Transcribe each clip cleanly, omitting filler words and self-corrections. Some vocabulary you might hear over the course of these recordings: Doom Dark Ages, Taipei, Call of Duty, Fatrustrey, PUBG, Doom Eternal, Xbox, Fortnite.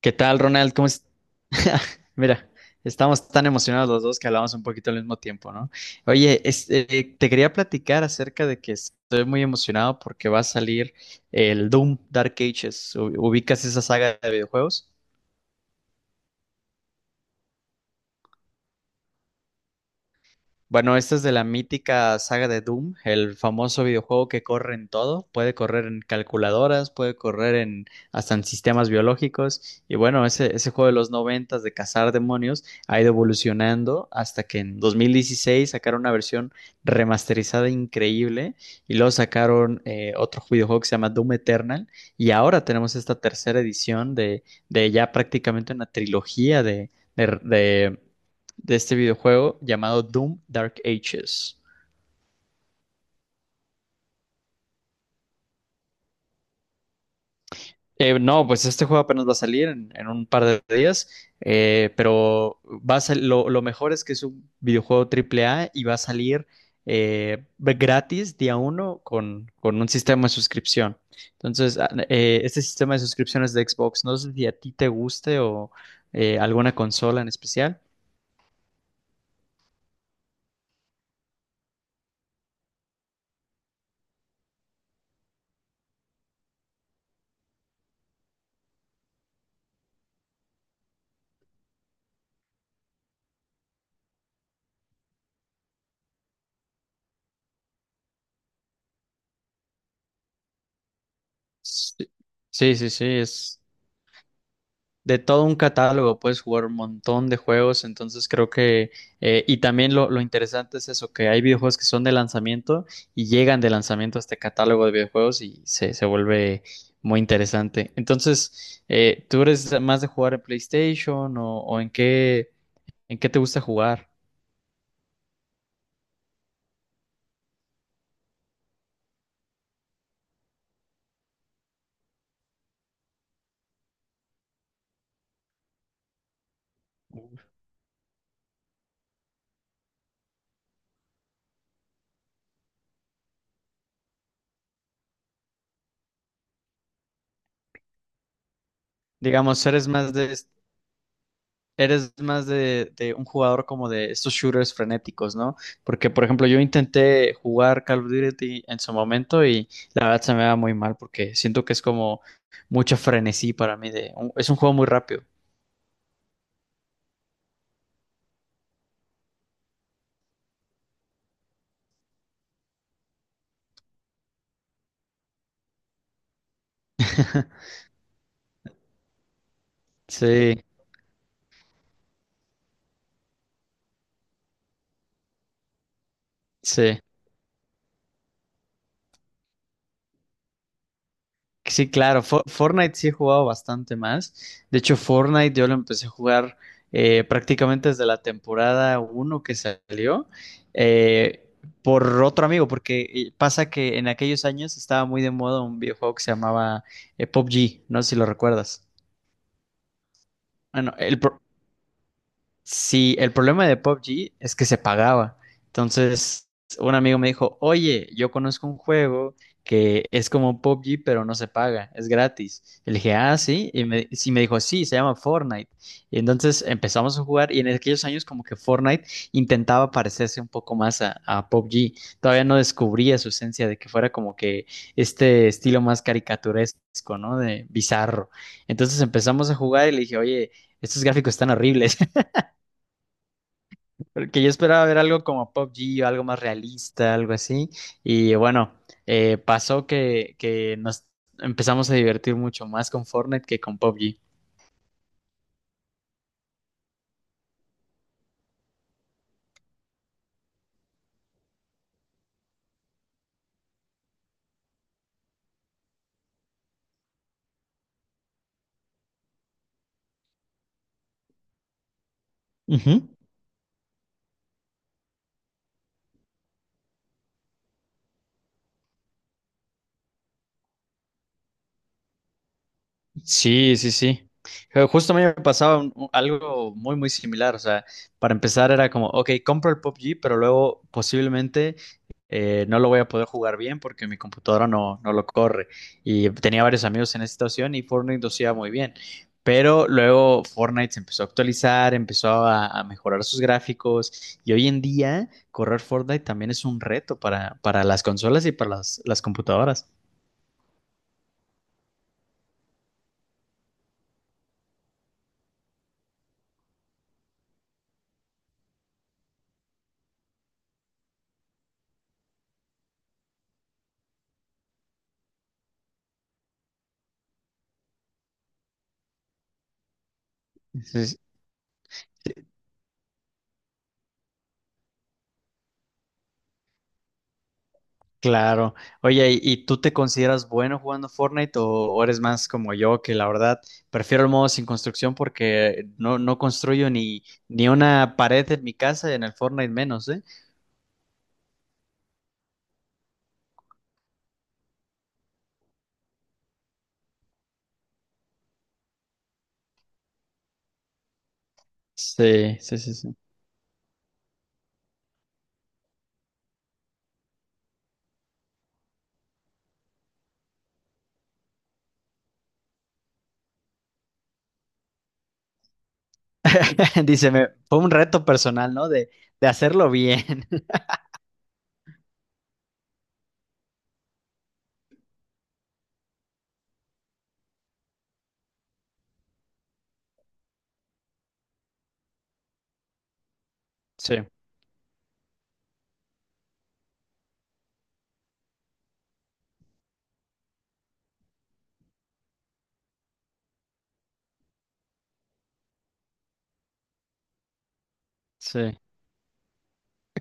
¿Qué tal, Ronald? ¿Cómo es? Mira, estamos tan emocionados los dos que hablamos un poquito al mismo tiempo, ¿no? Oye, te quería platicar acerca de que estoy muy emocionado porque va a salir el Doom Dark Ages. ¿Ubicas esa saga de videojuegos? Bueno, esta es de la mítica saga de Doom, el famoso videojuego que corre en todo, puede correr en calculadoras, puede correr en hasta en sistemas biológicos. Y bueno, ese juego de los noventas de cazar demonios ha ido evolucionando hasta que en 2016 sacaron una versión remasterizada increíble, y luego sacaron otro videojuego que se llama Doom Eternal, y ahora tenemos esta tercera edición de ya prácticamente una trilogía de este videojuego llamado Doom Dark Ages. No, pues este juego apenas va a salir en un par de días, pero lo mejor es que es un videojuego triple A, y va a salir gratis día uno con un sistema de suscripción. Entonces, este sistema de suscripciones de Xbox, no sé si a ti te guste o alguna consola en especial. Sí, sí, sí, sí, es de todo un catálogo, puedes jugar un montón de juegos, entonces creo que, y también lo interesante es eso, que hay videojuegos que son de lanzamiento y llegan de lanzamiento a este catálogo de videojuegos y se vuelve muy interesante. Entonces, ¿tú eres más de jugar en PlayStation o en qué te gusta jugar? Digamos, ¿eres más de un jugador como de estos shooters frenéticos, ¿no? Porque, por ejemplo, yo intenté jugar Call of Duty en su momento y la verdad se me va muy mal porque siento que es como mucho frenesí para mí de, es un juego muy rápido. Sí, sí. Sí, claro, Fortnite sí he jugado bastante más. De hecho, Fortnite yo lo empecé a jugar prácticamente desde la temporada uno que salió eh, por otro amigo, porque pasa que en aquellos años estaba muy de moda un videojuego que se llamaba PUBG, no sé si lo recuerdas. Bueno, el, pro- Sí, el problema de PUBG es que se pagaba. Entonces, un amigo me dijo, oye, yo conozco un juego que es como PUBG, pero no se paga, es gratis. Y le dije, ah, sí. Y me, sí, me dijo, sí, se llama Fortnite. Y entonces empezamos a jugar, y en aquellos años como que Fortnite intentaba parecerse un poco más a PUBG. Todavía no descubría su esencia de que fuera como que este estilo más caricaturesco, ¿no? De bizarro. Entonces empezamos a jugar y le dije, oye, estos gráficos están horribles. Porque yo esperaba ver algo como Pop G o algo más realista, algo así. Y bueno, pasó que nos empezamos a divertir mucho más con Fortnite que con Pop G. Ujú. Sí, sí, sí. Justo a mí me pasaba algo muy, muy similar. O sea, para empezar era como, ok, compro el P U B G, pero luego posiblemente no lo voy a poder jugar bien porque mi computadora no, no lo corre. Y tenía varios amigos en esa situación, y Fortnite lo hacía muy bien. Pero luego Fortnite se empezó a actualizar, empezó a mejorar sus gráficos, y hoy en día correr Fortnite también es un reto para las consolas y para las computadoras. Sí, claro. Oye, ¿y tú te consideras bueno jugando Fortnite, o eres más como yo, que la verdad prefiero el modo sin construcción porque no, no construyo ni, ni una pared en mi casa, y en el Fortnite menos, ¿eh? Sí, sí, sí, sí. Dice, me, fue un reto personal, ¿no? De hacerlo bien. Sí, sí.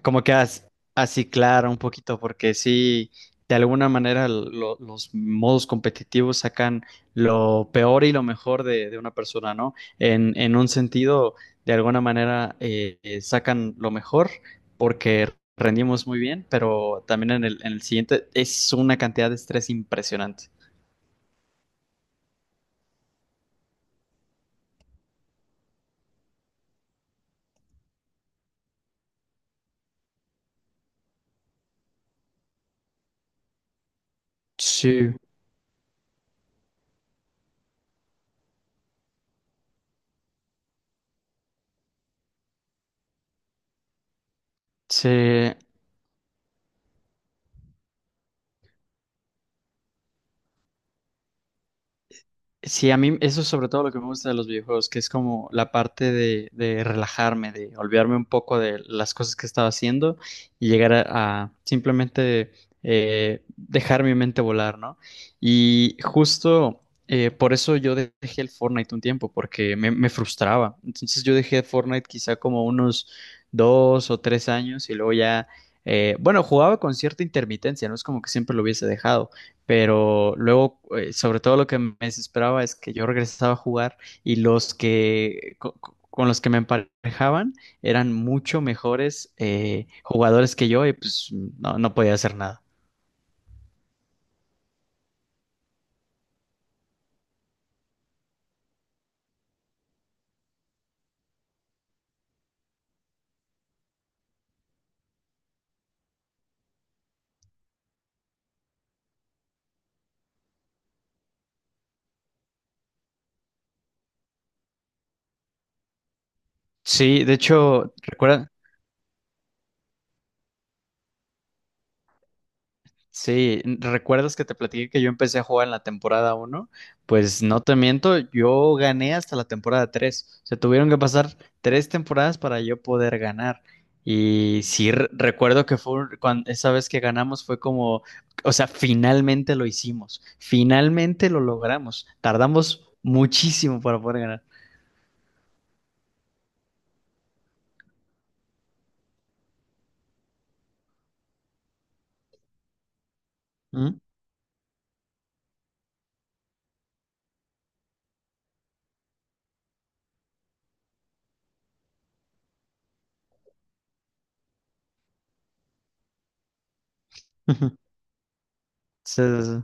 Como que aciclar un poquito, porque sí, de alguna manera los modos competitivos sacan lo peor y lo mejor de una persona, ¿no? En un sentido, de alguna manera sacan lo mejor porque rendimos muy bien, pero también en el siguiente es una cantidad de estrés impresionante. Sí, sí. Sí, a mí eso es sobre todo lo que me gusta de los videojuegos, que es como la parte de relajarme, de olvidarme un poco de las cosas que estaba haciendo y llegar a simplemente dejar mi mente volar, ¿no? Y justo por eso yo dejé el Fortnite un tiempo, porque me frustraba. Entonces yo dejé Fortnite quizá como unos dos o tres años, y luego ya, bueno, jugaba con cierta intermitencia, no es como que siempre lo hubiese dejado, pero luego, sobre todo lo que me desesperaba es que yo regresaba a jugar y los que los que me emparejaban eran mucho mejores jugadores que yo, y pues no, no podía hacer nada. Sí, de hecho, recuerda Sí, ¿recuerdas que te platiqué que yo empecé a jugar en la temporada uno? Pues no te miento, yo gané hasta la temporada 3. Se tuvieron que pasar tres temporadas para yo poder ganar. Y sí, recuerdo que fue esa vez que ganamos fue como, o sea, finalmente lo hicimos, finalmente lo logramos. Tardamos muchísimo para poder ganar. ¿Mm? Sí, sí,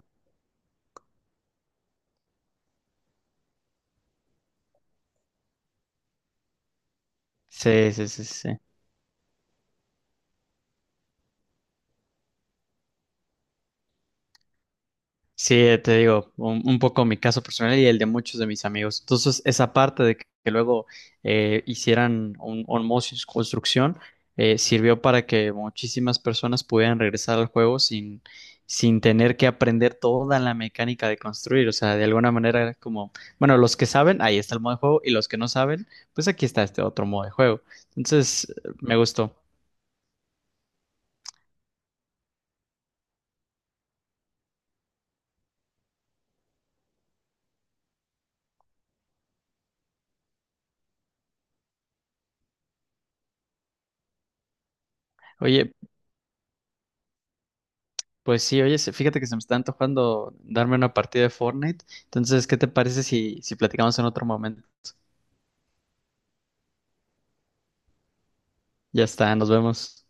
sí, sí, sí, sí, sí. Sí, te digo, un poco mi caso personal y el de muchos de mis amigos. Entonces, esa parte de que luego hicieran un osmosis construcción sirvió para que muchísimas personas pudieran regresar al juego sin, sin tener que aprender toda la mecánica de construir. O sea, de alguna manera era como, bueno, los que saben, ahí está el modo de juego, y los que no saben, pues aquí está este otro modo de juego. Entonces, me gustó. Oye, pues sí, oye, fíjate que se me está antojando darme una partida de Fortnite. Entonces, ¿qué te parece si, si platicamos en otro momento? Ya está, nos vemos.